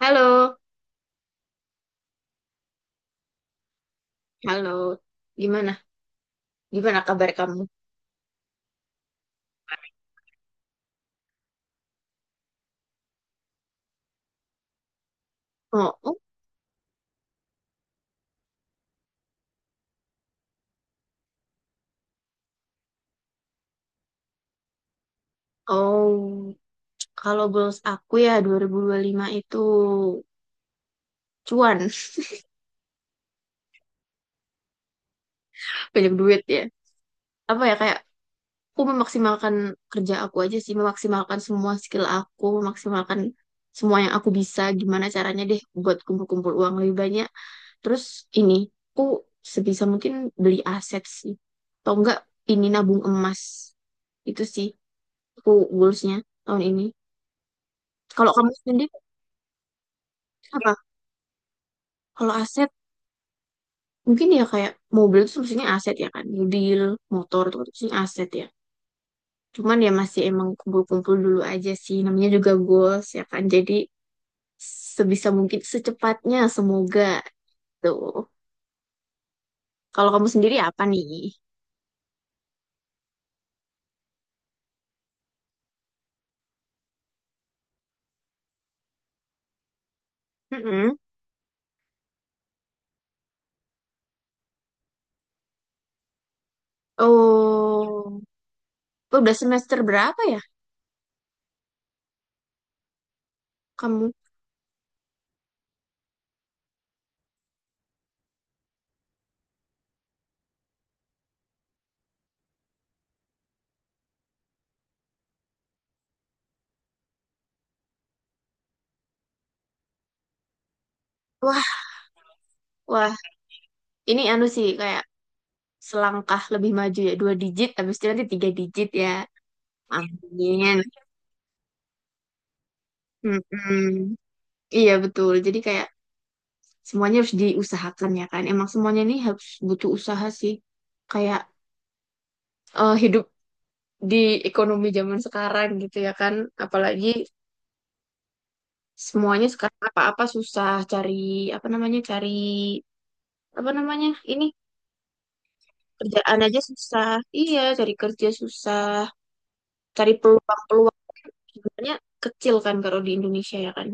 Halo, halo. Gimana? Gimana kabar kamu? Oh, oh, oh. Kalau goals aku ya 2025 itu cuan, banyak duit ya. Apa ya kayak aku memaksimalkan kerja aku aja sih, memaksimalkan semua skill aku, memaksimalkan semua yang aku bisa. Gimana caranya deh buat kumpul-kumpul uang lebih banyak. Terus ini, aku sebisa mungkin beli aset sih. Atau enggak ini nabung emas. Itu sih aku goalsnya tahun ini. Kalau kamu sendiri apa? Kalau aset mungkin ya kayak mobil itu maksudnya aset ya kan, mobil, motor itu kan maksudnya aset ya. Cuman ya masih emang kumpul-kumpul dulu aja sih, namanya juga goals ya kan. Jadi sebisa mungkin secepatnya semoga tuh. Kalau kamu sendiri apa nih? Mm-mm. Oh, udah semester berapa ya kamu? Wah, wah, ini anu sih kayak selangkah lebih maju ya, dua digit, habis itu nanti tiga digit ya. Amin. Mm-mm. Iya betul. Jadi kayak semuanya harus diusahakan ya kan. Emang semuanya ini harus butuh usaha sih. Kayak hidup di ekonomi zaman sekarang gitu ya kan. Apalagi semuanya sekarang apa-apa susah cari apa namanya ini kerjaan aja susah. Iya, cari kerja susah. Cari peluang-peluang sebenarnya kecil kan kalau di Indonesia ya kan.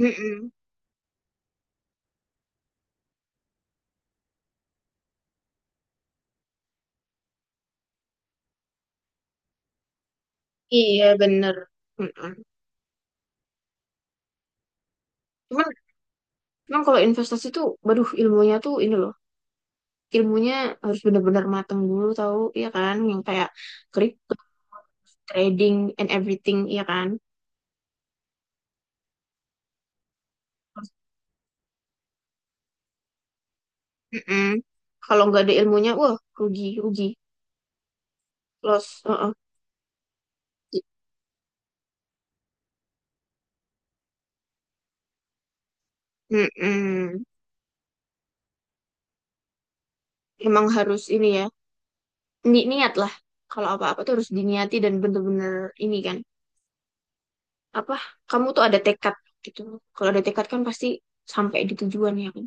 Mm-mm. Iya bener. Mm-mm. Cuman, cuman kalau investasi tuh, waduh ilmunya tuh ini loh. Ilmunya harus benar-benar matang dulu tahu iya kan yang kayak crypto trading and everything iya kan. Mm-mm. Kalau nggak ada ilmunya wah rugi rugi loss uh-uh. Mm-mm. Emang harus ini ya, niat lah. Kalau apa-apa tuh harus diniati dan bener-bener ini kan. Apa, kamu tuh ada tekad gitu. Kalau ada tekad kan pasti sampai di tujuan ya kan.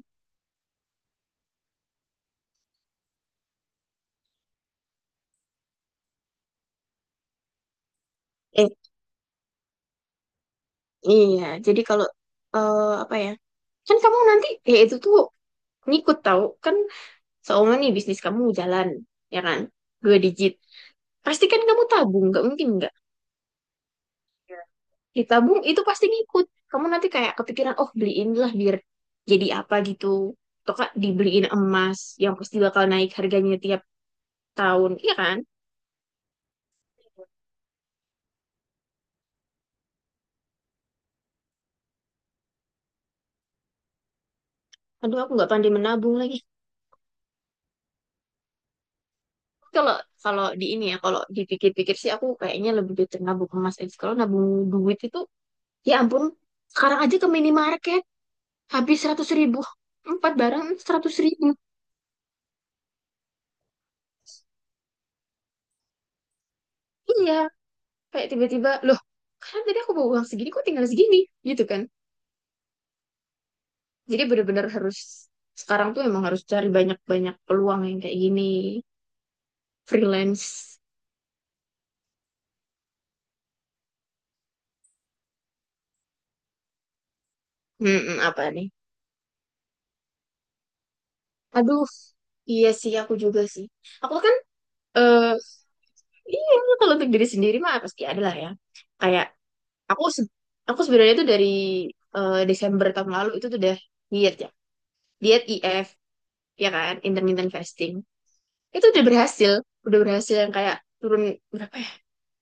Eh, iya. Jadi kalau, apa ya. Kan kamu nanti, ya itu tuh ngikut tahu. Kan seumur nih bisnis kamu jalan, ya kan? Dua digit. Pasti kan kamu tabung, nggak mungkin nggak. Iya. Ditabung itu pasti ngikut. Kamu nanti kayak kepikiran, oh beliin lah biar jadi apa gitu. Atau kak dibeliin emas yang pasti bakal naik harganya tiap tahun, iya kan? Aduh, aku nggak pandai menabung lagi. Kalau kalau di ini ya, kalau dipikir-pikir sih aku kayaknya lebih better nabung emas aja. Kalau nabung duit itu, ya ampun, sekarang aja ke minimarket habis 100 ribu, empat barang 100 ribu. Iya, kayak tiba-tiba loh kan tadi aku bawa uang segini kok tinggal segini gitu kan jadi bener-bener harus sekarang tuh emang harus cari banyak-banyak peluang yang kayak gini freelance. Mm-mm, apa nih. Aduh iya sih aku juga sih aku kan eh iya kalau untuk diri sendiri mah pasti ada lah ya kayak aku se- aku sebenarnya tuh dari Desember tahun lalu itu tuh udah diet ya diet IF ya kan intermittent fasting itu udah berhasil yang kayak turun berapa ya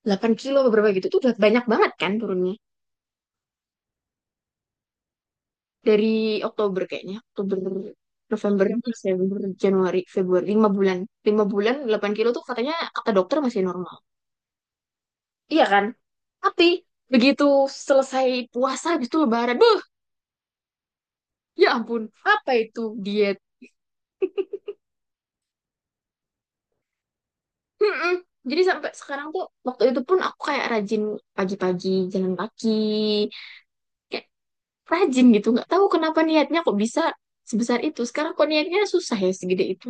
8 kilo beberapa gitu tuh udah banyak banget kan turunnya dari Oktober kayaknya Oktober November Desember Januari Februari lima bulan 8 kilo tuh katanya kata dokter masih normal iya kan tapi begitu selesai puasa habis itu lebaran beuh ya ampun apa itu diet. Mm-mm. Jadi sampai sekarang tuh waktu itu pun aku kayak rajin pagi-pagi jalan kaki kayak rajin gitu nggak tahu kenapa niatnya kok bisa sebesar itu sekarang kok niatnya susah ya segede itu.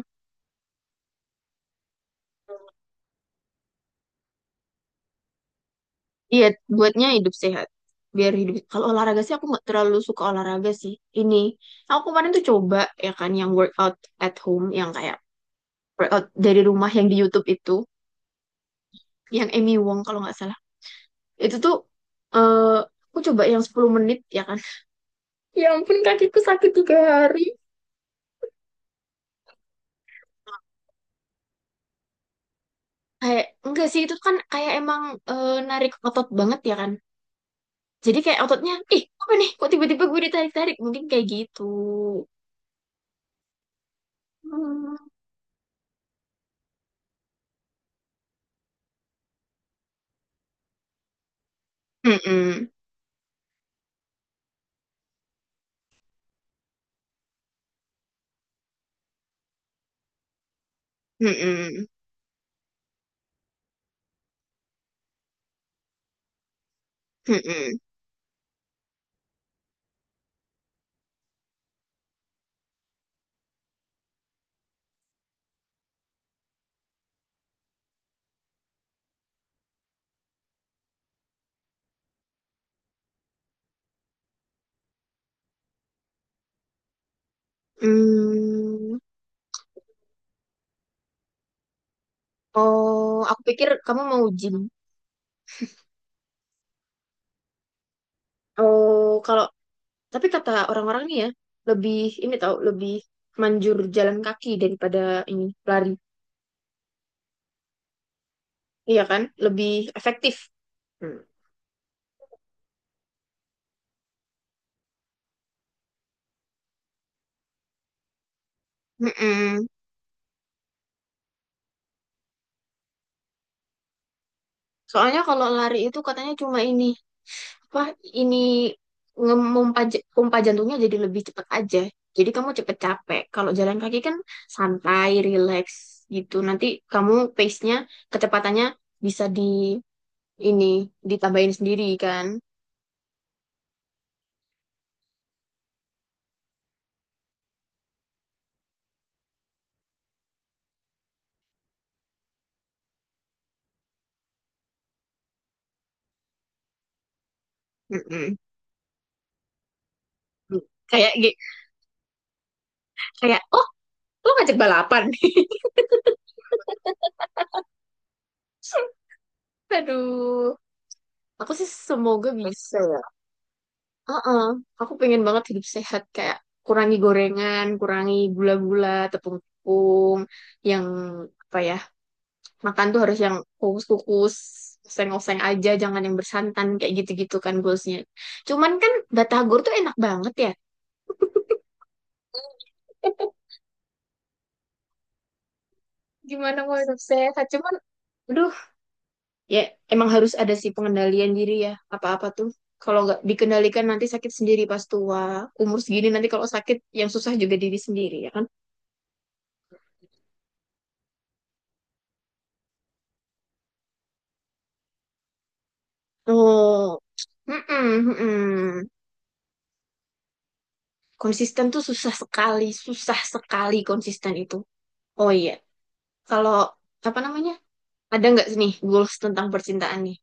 Iya, buatnya hidup sehat. Biar hidup. Kalau olahraga sih aku nggak terlalu suka olahraga sih. Ini, aku kemarin tuh coba ya kan yang workout at home, yang kayak workout dari rumah yang di YouTube itu, yang Amy Wong kalau nggak salah. Itu tuh eh aku coba yang 10 menit ya kan. Ya ampun kakiku sakit 3 hari. Kayak enggak sih itu kan kayak emang narik otot banget ya kan. Jadi kayak ototnya, ih apa nih? Kok tiba-tiba gue ditarik-tarik? Mungkin kayak gitu. Hmm. Mm-mm. Mm-mm. Mm-mm. Hmm. Oh, aku pikir kamu mau gym. Oh, kalau tapi kata orang-orang nih ya, lebih ini tahu lebih manjur jalan kaki daripada ini lari. Iya kan? Lebih efektif. Hmm. Mm-mm. Soalnya kalau lari itu katanya cuma ini apa ini pompa jantungnya jadi lebih cepat aja. Jadi kamu cepet capek. Kalau jalan kaki kan santai, relax gitu. Nanti kamu pace-nya, kecepatannya bisa di ini ditambahin sendiri kan. Mm-mm. Kayak gi- kayak oh lu ngajak balapan. Aduh, aku sih semoga bisa. Heeh, aku pengen banget hidup sehat kayak kurangi gorengan, kurangi gula-gula, tepung-tepung, yang apa ya makan tuh harus yang kukus-kukus, oseng-oseng aja, jangan yang bersantan kayak gitu-gitu kan goalsnya. Cuman kan batagor tuh enak banget ya. Gimana mau hidup sehat? Cuman, aduh, ya emang harus ada sih pengendalian diri ya. Apa-apa tuh. Kalau nggak dikendalikan nanti sakit sendiri pas tua. Umur segini nanti kalau sakit yang susah juga diri sendiri ya kan? Tuh. Mm-mm, mm-mm. Konsisten tuh susah sekali konsisten itu. Oh iya, kalau apa namanya? Ada nggak sih nih goals tentang percintaan nih?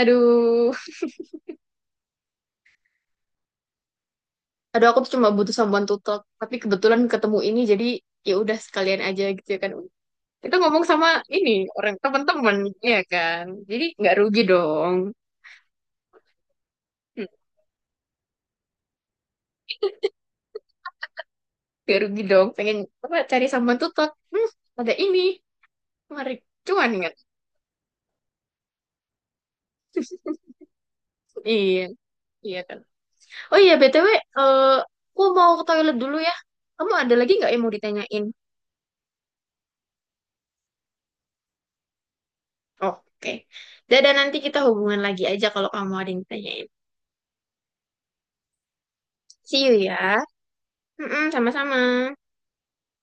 Aduh, aduh, aku tuh cuma butuh someone to talk, tapi kebetulan ketemu ini jadi ya udah sekalian aja gitu ya kan. Kita ngomong sama ini orang teman-teman ya kan. Jadi nggak rugi dong. Hmm, nggak rugi dong. Pengen apa cari someone to talk. Hmm, ada ini. Mari. Cuan kan? Iya, iya kan. Oh iya, BTW, aku mau ke toilet dulu ya. Kamu ada lagi nggak yang mau ditanyain? Oke. Dadah, nanti kita hubungan lagi aja kalau kamu ada yang ditanyain. See you ya. Mm-mm, sama-sama.